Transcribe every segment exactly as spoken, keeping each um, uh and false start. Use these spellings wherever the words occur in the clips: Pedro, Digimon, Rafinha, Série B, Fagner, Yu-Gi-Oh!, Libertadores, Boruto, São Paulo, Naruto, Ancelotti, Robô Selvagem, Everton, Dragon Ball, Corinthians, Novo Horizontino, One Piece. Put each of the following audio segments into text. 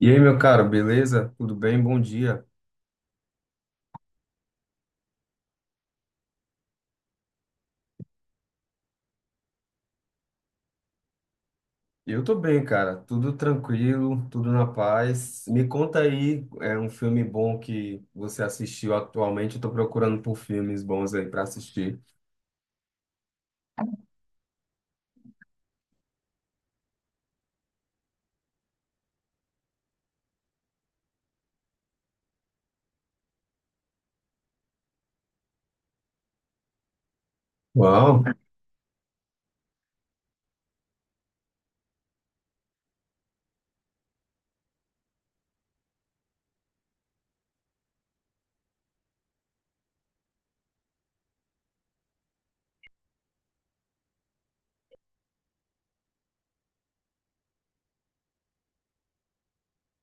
E aí, meu caro, beleza? Tudo bem? Bom dia. Eu tô bem, cara. Tudo tranquilo, tudo na paz. Me conta aí, é um filme bom que você assistiu atualmente? Eu tô procurando por filmes bons aí pra assistir. Uau,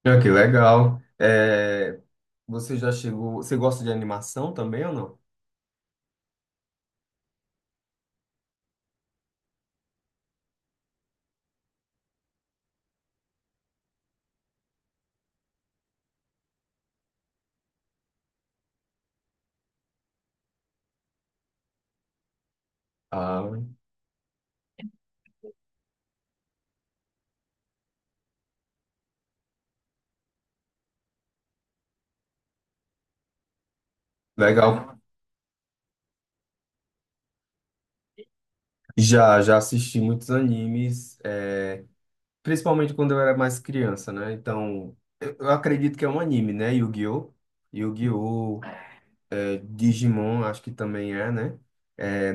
ah, que legal. É, você já chegou. Você gosta de animação também ou não? Ah, legal. Já, já assisti muitos animes, é, principalmente quando eu era mais criança, né? Então, eu eu acredito que é um anime, né? Yu-Gi-Oh! Yu-Gi-Oh! Digimon, acho que também é, né? É,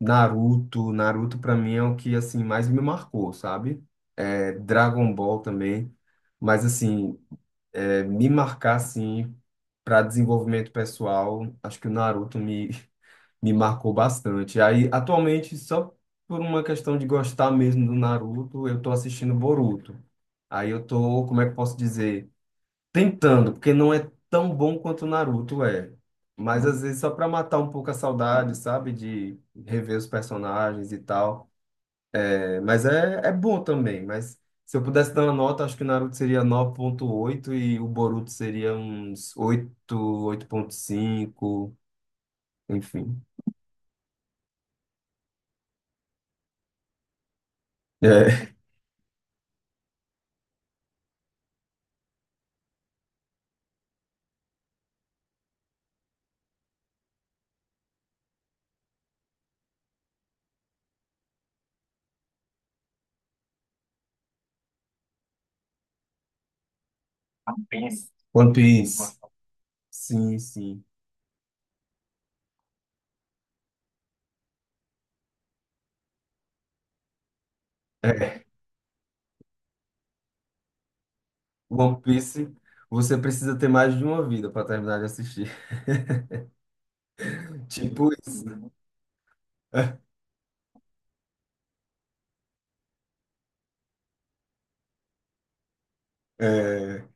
Naruto, Naruto pra mim é o que assim mais me marcou, sabe? É, Dragon Ball também, mas assim é, me marcar assim para desenvolvimento pessoal, acho que o Naruto me me marcou bastante. Aí atualmente só por uma questão de gostar mesmo do Naruto, eu tô assistindo Boruto. Aí eu tô, como é que eu posso dizer? Tentando, porque não é tão bom quanto o Naruto é. Mas às vezes só pra matar um pouco a saudade, sabe? De rever os personagens e tal. É, mas é, é bom também. Mas se eu pudesse dar uma nota, acho que o Naruto seria nove ponto oito e o Boruto seria uns oito oito ponto cinco, enfim. É. One Piece. Sim, sim. É. One Piece, você precisa ter mais de uma vida pra terminar de assistir. Tipo isso. É.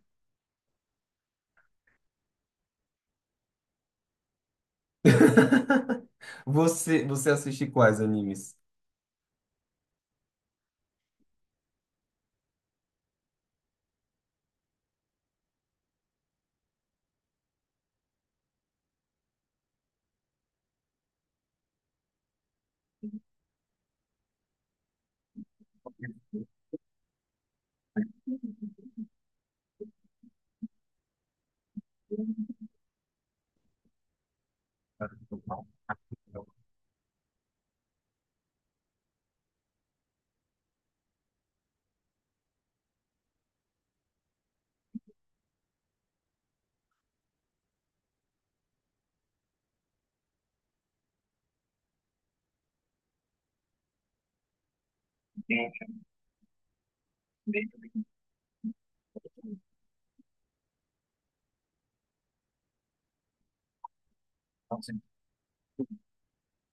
Você, você assiste quais animes?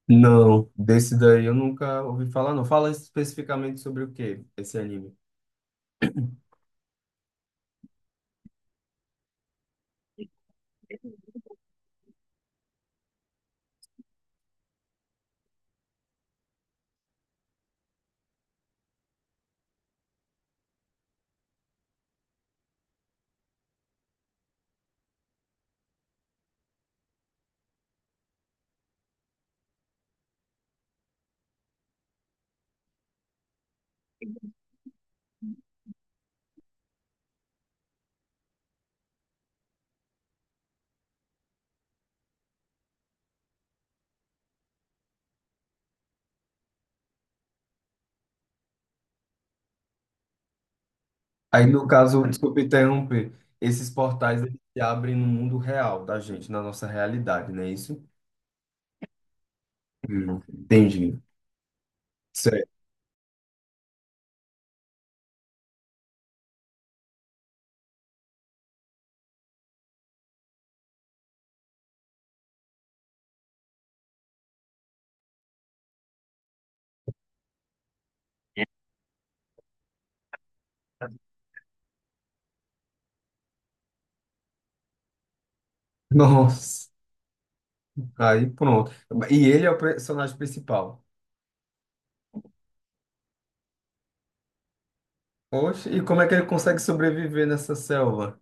Não, desse daí eu nunca ouvi falar, não. Fala especificamente sobre o que esse anime. Aí, no caso, desculpa interromper, esses portais eles se abrem no mundo real da gente, na nossa realidade, não é isso? Hum, entendi. Certo. Nossa, aí pronto. E ele é o personagem principal. Oxe, e como é que ele consegue sobreviver nessa selva?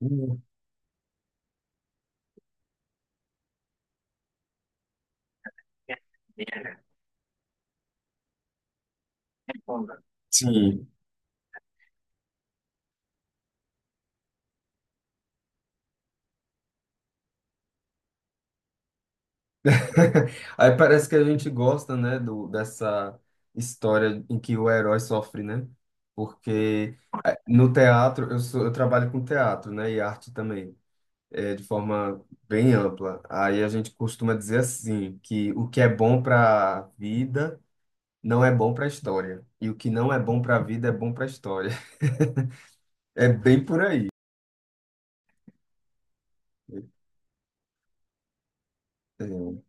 Hum, Sim. Aí parece que a gente gosta, né, do, dessa história em que o herói sofre, né? Porque no teatro, eu sou, eu trabalho com teatro, né, e arte também, é, de forma bem ampla. Aí a gente costuma dizer assim, que o que é bom para a vida não é bom para a história, e o que não é bom para a vida é bom para a história. É bem por aí. É,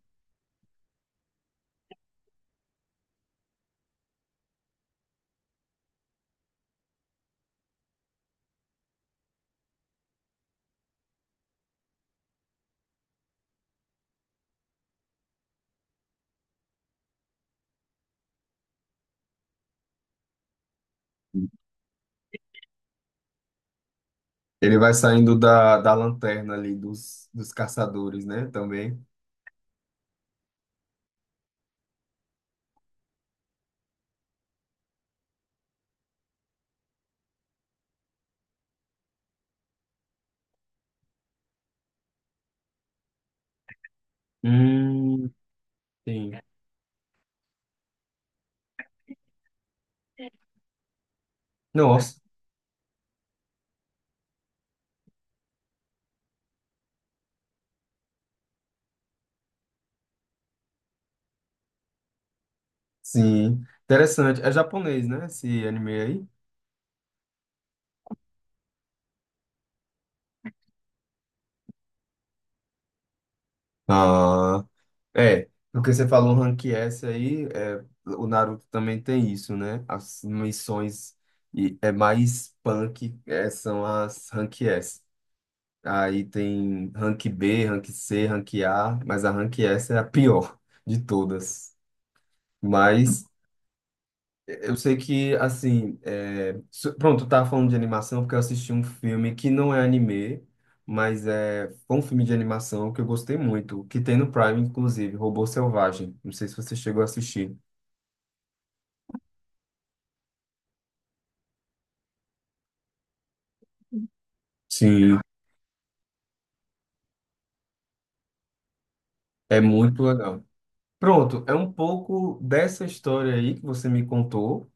ele vai saindo da, da lanterna ali dos, dos caçadores, né, também. Hum, sim. Nossa, sim. Interessante. É japonês, né? Esse anime aí. Ah, é. Porque você falou Rank S aí, é, o Naruto também tem isso, né? As missões e é mais punk, é, são as Rank S. Aí tem Rank B, Rank C, Rank A, mas a Rank S é a pior de todas. Mas eu sei que, assim, é... so- pronto, eu tava falando de animação porque eu assisti um filme que não é anime, mas é foi um filme de animação que eu gostei muito, que tem no Prime, inclusive, Robô Selvagem. Não sei se você chegou a assistir. Sim. É muito legal. Pronto, é um pouco dessa história aí que você me contou,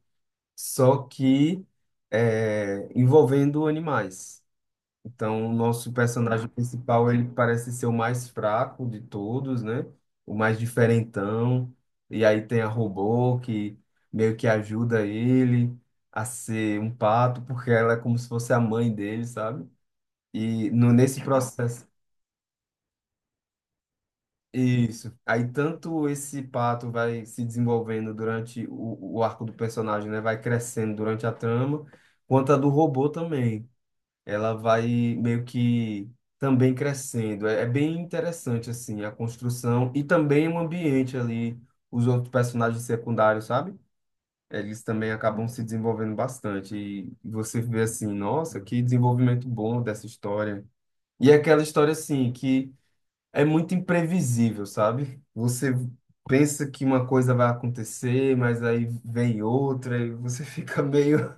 só que é, envolvendo animais. Então, o nosso personagem principal, ele parece ser o mais fraco de todos, né? O mais diferentão. E aí tem a robô que meio que ajuda ele a ser um pato, porque ela é como se fosse a mãe dele, sabe? E no, nesse processo, isso. Aí tanto esse pato vai se desenvolvendo durante o, o arco do personagem, né? Vai crescendo durante a trama, quanto a do robô também. Ela vai meio que também crescendo. É, é bem interessante, assim, a construção e também o ambiente ali, os outros personagens secundários, sabe? Eles também acabam se desenvolvendo bastante. E você vê assim, nossa, que desenvolvimento bom dessa história. E é aquela história, assim, que é muito imprevisível, sabe? Você pensa que uma coisa vai acontecer, mas aí vem outra e você fica meio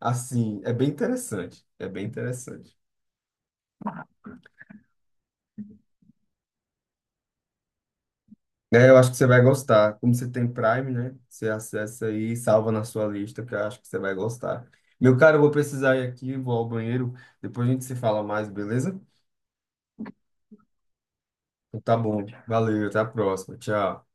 assim. É bem interessante. É bem interessante. É, eu acho que você vai gostar. Como você tem Prime, né? Você acessa aí e salva na sua lista, que eu acho que você vai gostar. Meu cara, eu vou precisar ir aqui, vou ao banheiro. Depois a gente se fala mais, beleza? Então, tá bom. Valeu, até a próxima. Tchau.